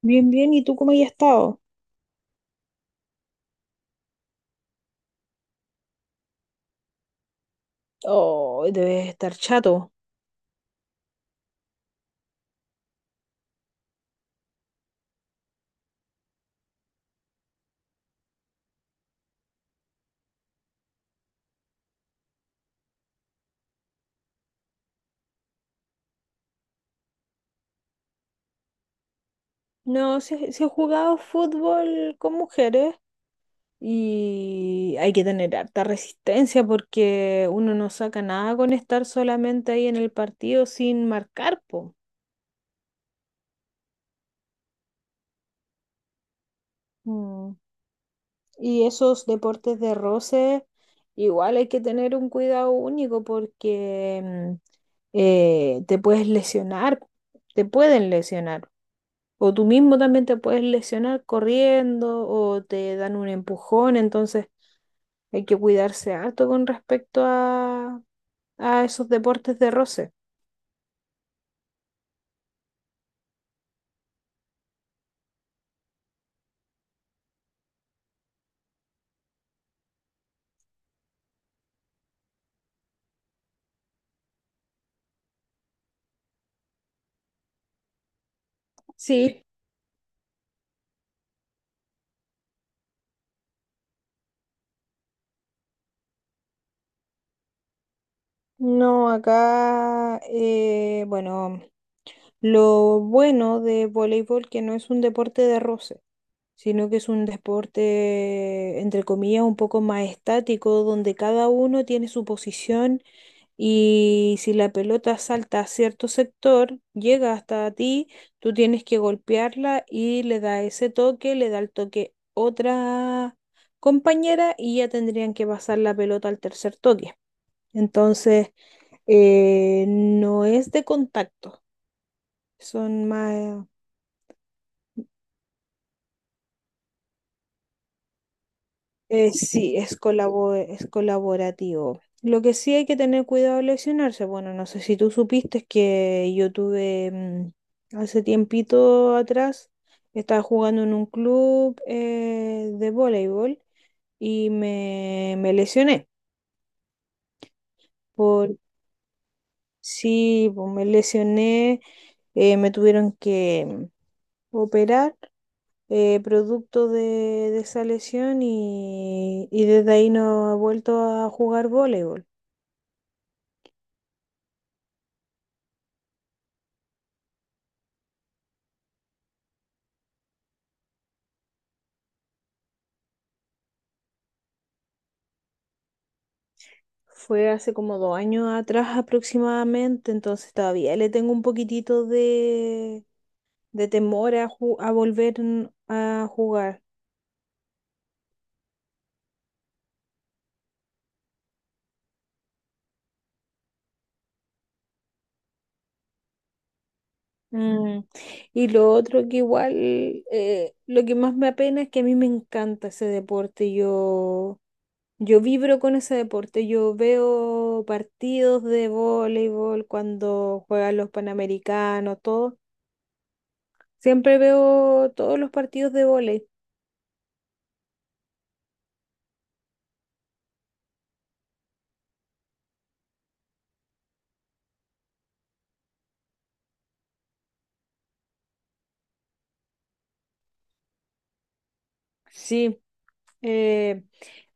Bien, bien, ¿y tú cómo has estado? Oh, debes estar chato. No, si, si he jugado fútbol con mujeres y hay que tener harta resistencia porque uno no saca nada con estar solamente ahí en el partido sin marcar, po. Mm. Y esos deportes de roce, igual hay que tener un cuidado único porque te puedes lesionar, te pueden lesionar. O tú mismo también te puedes lesionar corriendo o te dan un empujón, entonces hay que cuidarse harto con respecto a esos deportes de roce. Sí, no, acá, bueno, lo bueno de voleibol que no es un deporte de roce, sino que es un deporte, entre comillas, un poco más estático, donde cada uno tiene su posición y si la pelota salta a cierto sector, llega hasta ti, tú tienes que golpearla y le da ese toque, le da el toque otra compañera y ya tendrían que pasar la pelota al tercer toque. Entonces, no es de contacto, son más... sí, es colaborativo. Lo que sí hay que tener cuidado al lesionarse. Bueno, no sé si tú supiste que yo tuve hace tiempito atrás, estaba jugando en un club de voleibol y me lesioné. Por, sí, pues me lesioné, me tuvieron que operar producto de esa lesión y desde ahí no he vuelto a jugar voleibol. Fue hace como 2 años atrás aproximadamente, entonces todavía le tengo un poquitito de temor a, a volver a jugar. Mm, y lo otro que igual, lo que más me apena es que a mí me encanta ese deporte. Yo vibro con ese deporte. Yo veo partidos de voleibol cuando juegan los Panamericanos, todo. Siempre veo todos los partidos de voleibol. Sí. Eh,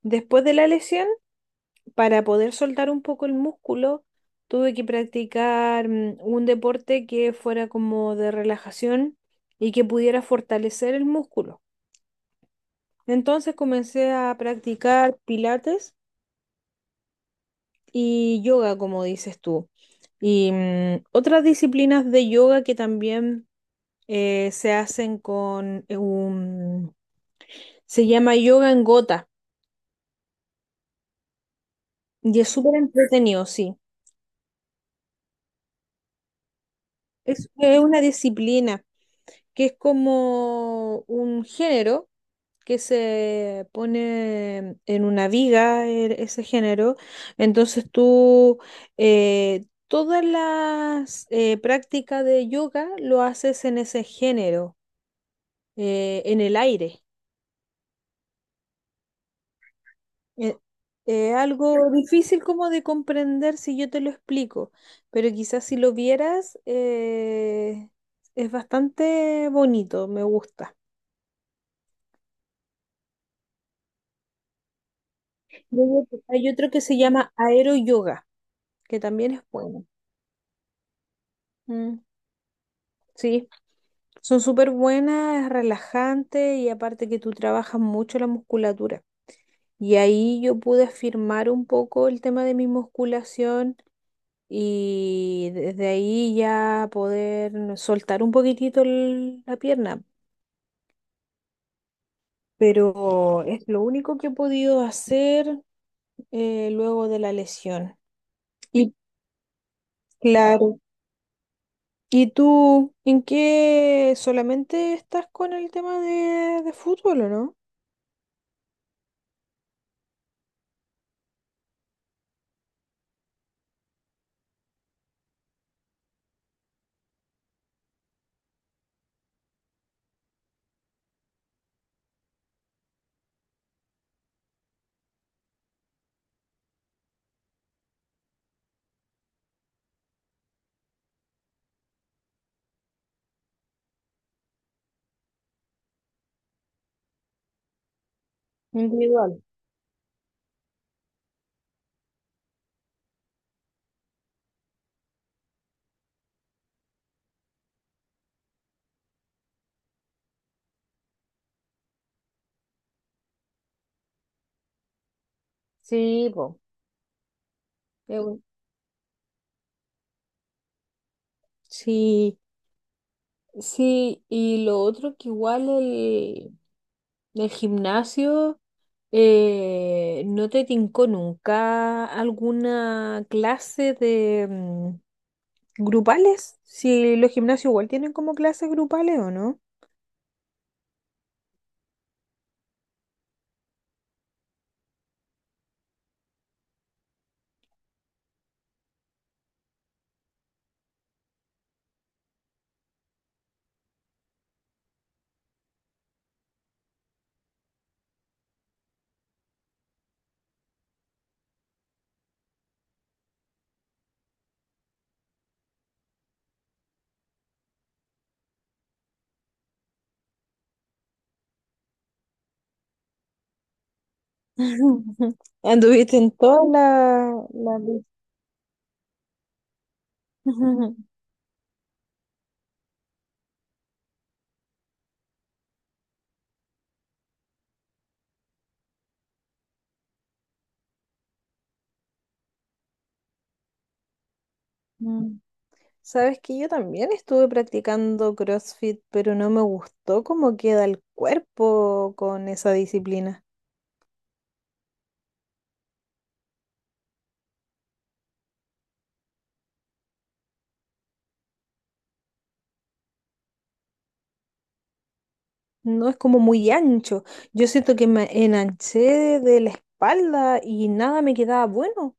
después de la lesión, para poder soltar un poco el músculo, tuve que practicar un deporte que fuera como de relajación y que pudiera fortalecer el músculo. Entonces comencé a practicar pilates y yoga, como dices tú. Y mm, otras disciplinas de yoga que también se hacen con un... Se llama yoga en gota y es súper entretenido, sí. Es una disciplina que es como un género que se pone en una viga ese género. Entonces tú todas las prácticas de yoga lo haces en ese género, en el aire. Eh, algo difícil como de comprender si yo te lo explico, pero quizás si lo vieras es bastante bonito, me gusta. Luego hay otro que se llama aero yoga que también es bueno. Mm, sí, son súper buenas, es relajante y aparte que tú trabajas mucho la musculatura. Y ahí yo pude afirmar un poco el tema de mi musculación y desde ahí ya poder soltar un poquitito la pierna. Pero es lo único que he podido hacer luego de la lesión. Y claro. ¿Y tú en qué solamente estás con el tema de fútbol o no? Individual. Sí, po. Qué bu- Sí, sí, y lo otro que igual el gimnasio, ¿no te tincó nunca alguna clase de grupales? Si los gimnasios igual tienen como clases grupales o no. Anduviste en todas las... las- Sabes que yo también estuve practicando CrossFit, pero no me gustó cómo queda el cuerpo con esa disciplina. No es como muy ancho. Yo siento que me enanché de la espalda y nada me quedaba bueno,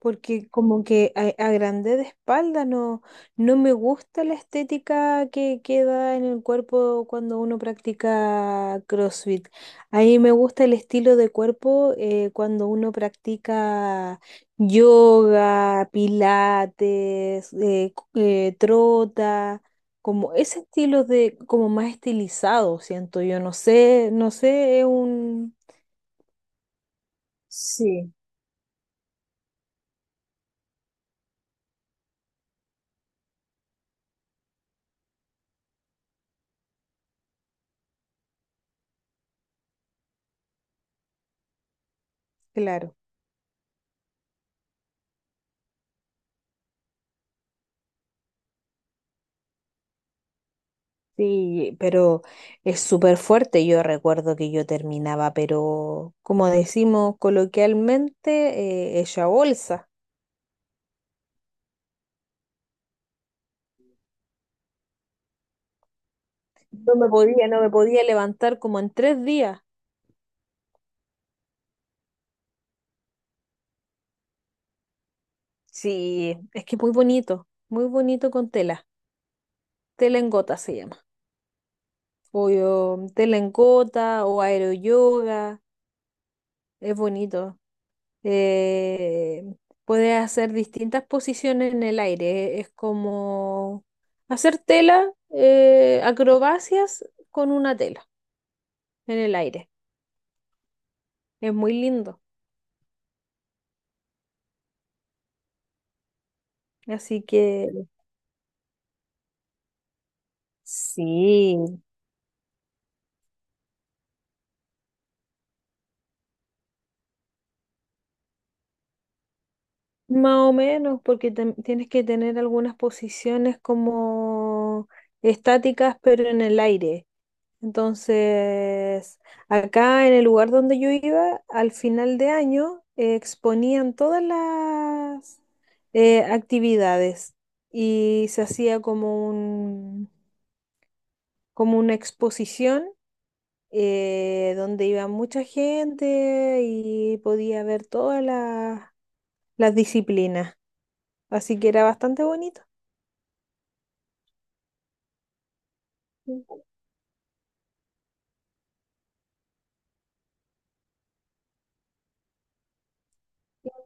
porque como que a grande de espalda no, no me gusta la estética que queda en el cuerpo cuando uno practica CrossFit. A mí me gusta el estilo de cuerpo cuando uno practica yoga, pilates, trota. Como ese estilo de, como más estilizado, siento yo, no sé, no sé, es un... Sí. Claro. Sí, pero es súper fuerte. Yo recuerdo que yo terminaba, pero como decimos coloquialmente, hecha bolsa. No me podía levantar como en 3 días. Sí, es que muy bonito con tela. Tela en gota se llama. Tela en gota o aeroyoga. Es bonito. eh, puedes hacer distintas posiciones en el aire. Es como hacer tela, acrobacias con una tela en el aire. Es muy lindo. Así que sí, más o menos, porque tienes que tener algunas posiciones como estáticas, pero en el aire. Entonces, acá en el lugar donde yo iba, al final de año exponían todas las actividades y se hacía como un, como una exposición donde iba mucha gente y podía ver todas las disciplinas. Así que era bastante bonito.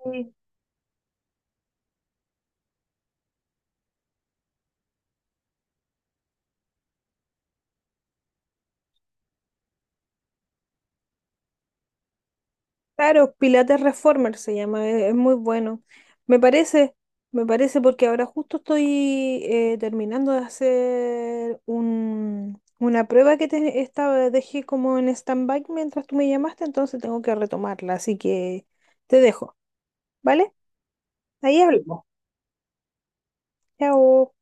Sí. Claro, Pilates Reformer se llama, es muy bueno. Me parece, me parece porque ahora justo estoy terminando de hacer una prueba que te estaba, dejé como en stand-by mientras tú me llamaste, entonces tengo que retomarla, así que te dejo, ¿vale? Ahí hablamos. Chao.